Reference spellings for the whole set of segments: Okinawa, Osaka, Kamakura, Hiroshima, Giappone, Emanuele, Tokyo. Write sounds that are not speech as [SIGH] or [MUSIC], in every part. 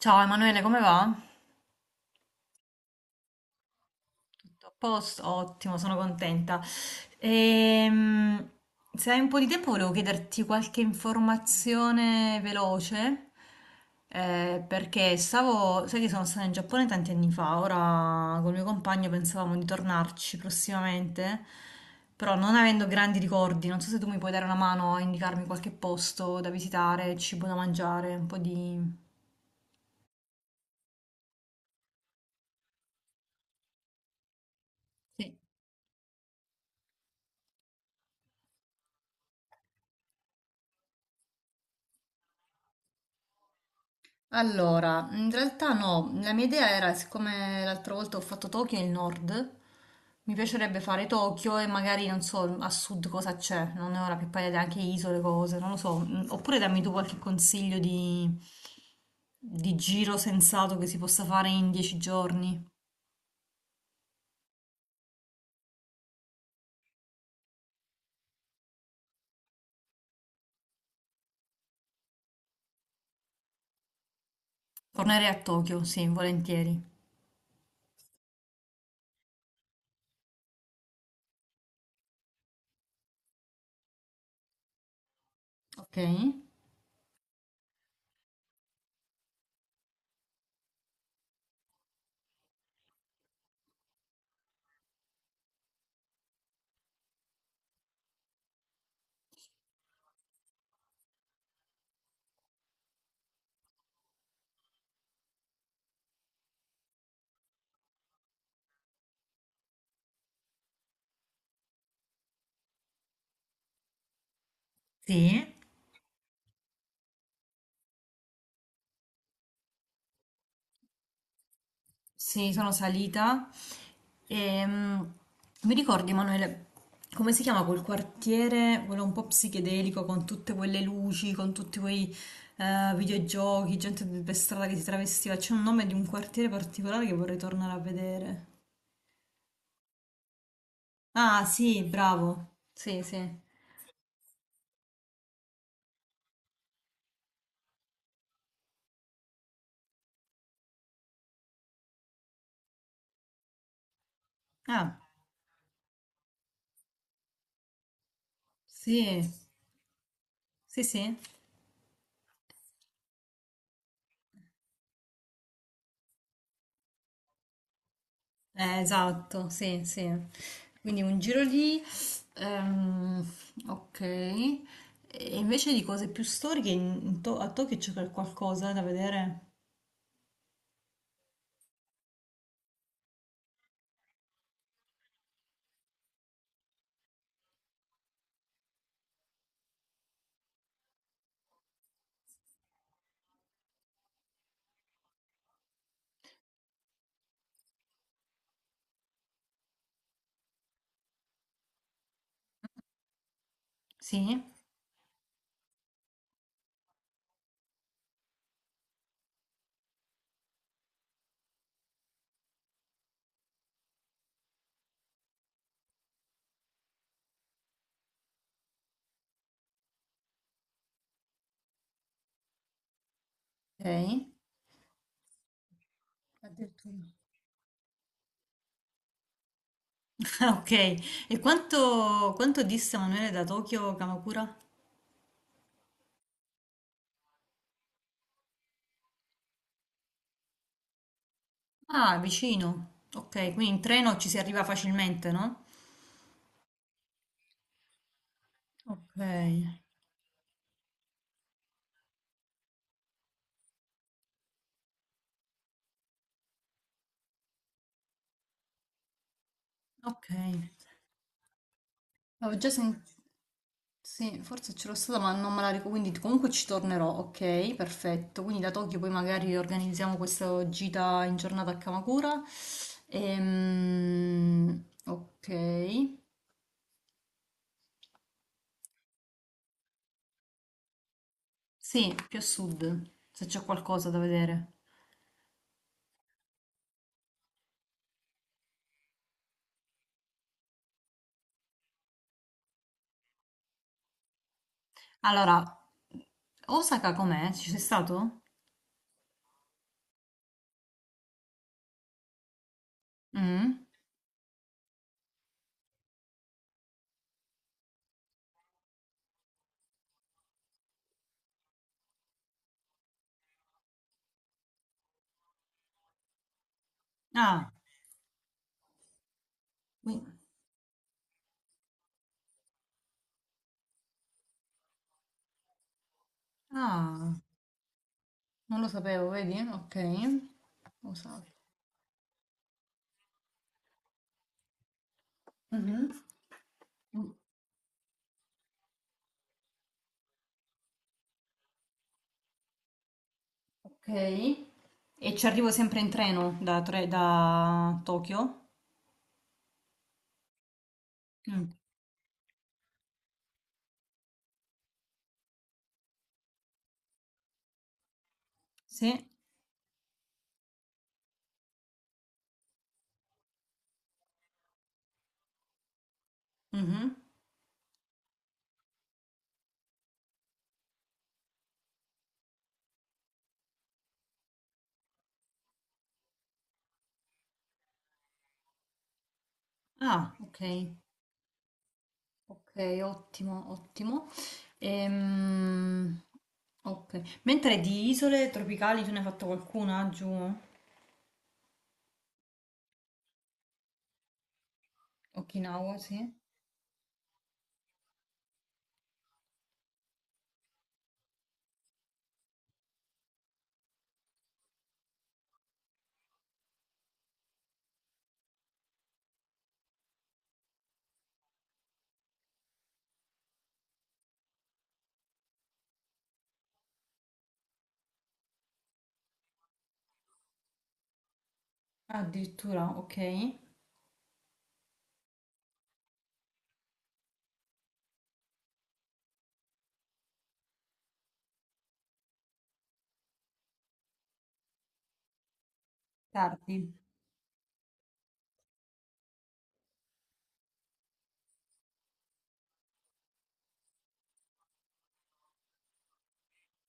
Ciao Emanuele, come va? Tutto a posto? Ottimo, sono contenta. Ehm, Se hai un po' di tempo volevo chiederti qualche informazione veloce, perché stavo, sai che sono stata in Giappone tanti anni fa, ora col mio compagno pensavamo di tornarci prossimamente, però non avendo grandi ricordi, non so se tu mi puoi dare una mano a indicarmi qualche posto da visitare, cibo da mangiare, un po' di... Sì. Allora, in realtà no, la mia idea era, siccome l'altra volta ho fatto Tokyo e il nord, mi piacerebbe fare Tokyo e magari non so a sud cosa c'è, non ne ho la più pallida idea, anche isole, cose, non lo so. Oppure dammi tu qualche consiglio di giro sensato che si possa fare in dieci giorni. Tornerei a Tokyo, sì, volentieri. Ok? Sì. Sì, sono salita. E, mi ricordi, Emanuele, come si chiama quel quartiere, quello un po' psichedelico, con tutte quelle luci, con tutti quei videogiochi, gente per strada che si travestiva? C'è un nome di un quartiere particolare che vorrei tornare a vedere. Ah, sì, bravo. Sì, sì. Ah, sì. Sì, sì. Esatto, sì, sì. Quindi un giro lì, ehm, ok. E invece di cose più storiche, a Tokyo c'è qualcosa da vedere? Sì, ok. Addirittura. [LAUGHS] Ah, ok, e quanto dista Manuele da Tokyo a Kamakura? Ah, vicino. Ok, quindi in treno ci si arriva facilmente, no? Ok, ok. Avevo già sentito. Sì, forse ce l'ho stata, ma non me la ricordo, quindi comunque ci tornerò, ok? Perfetto. Quindi da Tokyo poi magari organizziamo questa gita in giornata a Kamakura. Ok. Sì, più a sud, se c'è qualcosa da vedere. Allora, Osaka com'è? Ci sei stato? Mm? Ah, qui- ah, non lo sapevo, vedi? Ok. Osaka. Mhm. Ok. E ci arrivo sempre in treno da, da Tokyo? Mm, sì. Mhm. Ah, ok. Ok, ottimo, ottimo. Ehm, ok. Mentre di isole tropicali tu ne hai fatto qualcuna giù? Okinawa, sì. Ah, addirittura, ok. Tardi.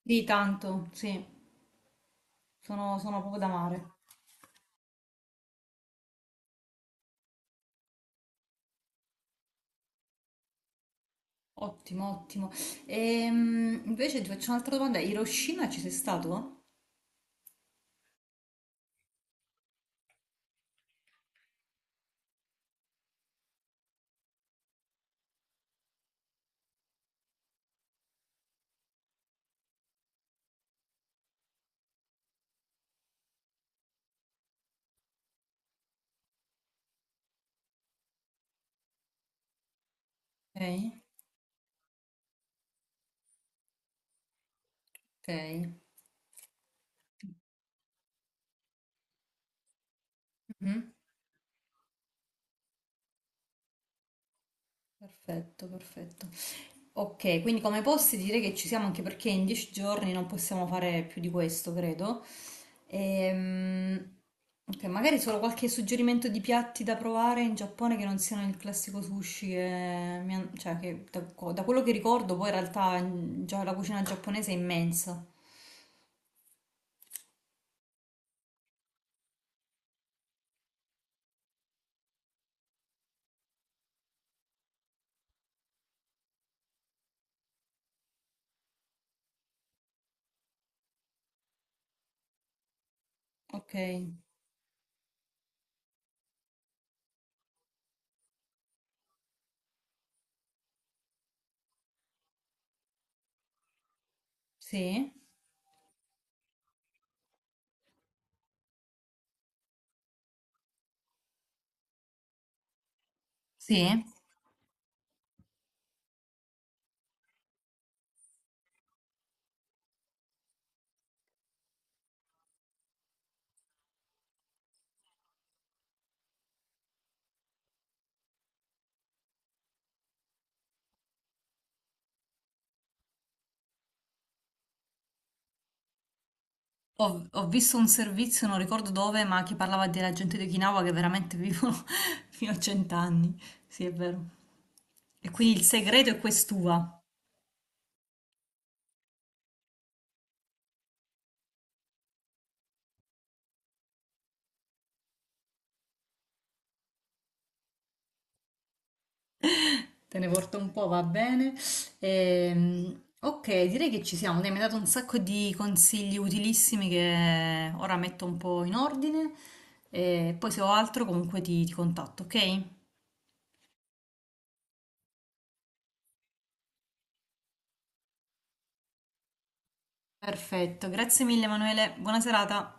Di tanto, sì. Sono, sono proprio da mare. Ottimo, ottimo. Invece ti faccio un'altra domanda. Hiroshima ci sei stato? Ok. Okay, mh-mh. Perfetto, perfetto. Okay, quindi come posti direi che ci siamo anche perché in 10 giorni non possiamo fare più di questo, credo. Ehm, ok, magari solo qualche suggerimento di piatti da provare in Giappone che non siano il classico sushi che, cioè, che da, da quello che ricordo poi in realtà già la cucina giapponese è immensa. Ok, sì. Sì? Ho, ho visto un servizio, non ricordo dove, ma che parlava della gente di Okinawa che veramente vivono [LAUGHS] fino a cent'anni. Sì, è vero. E quindi il segreto è quest'uva. Te ne porto un po', va bene. Ok, direi che ci siamo. Dai, mi hai dato un sacco di consigli utilissimi che ora metto un po' in ordine. E poi se ho altro comunque ti contatto, ok? Perfetto, grazie mille Emanuele, buona serata.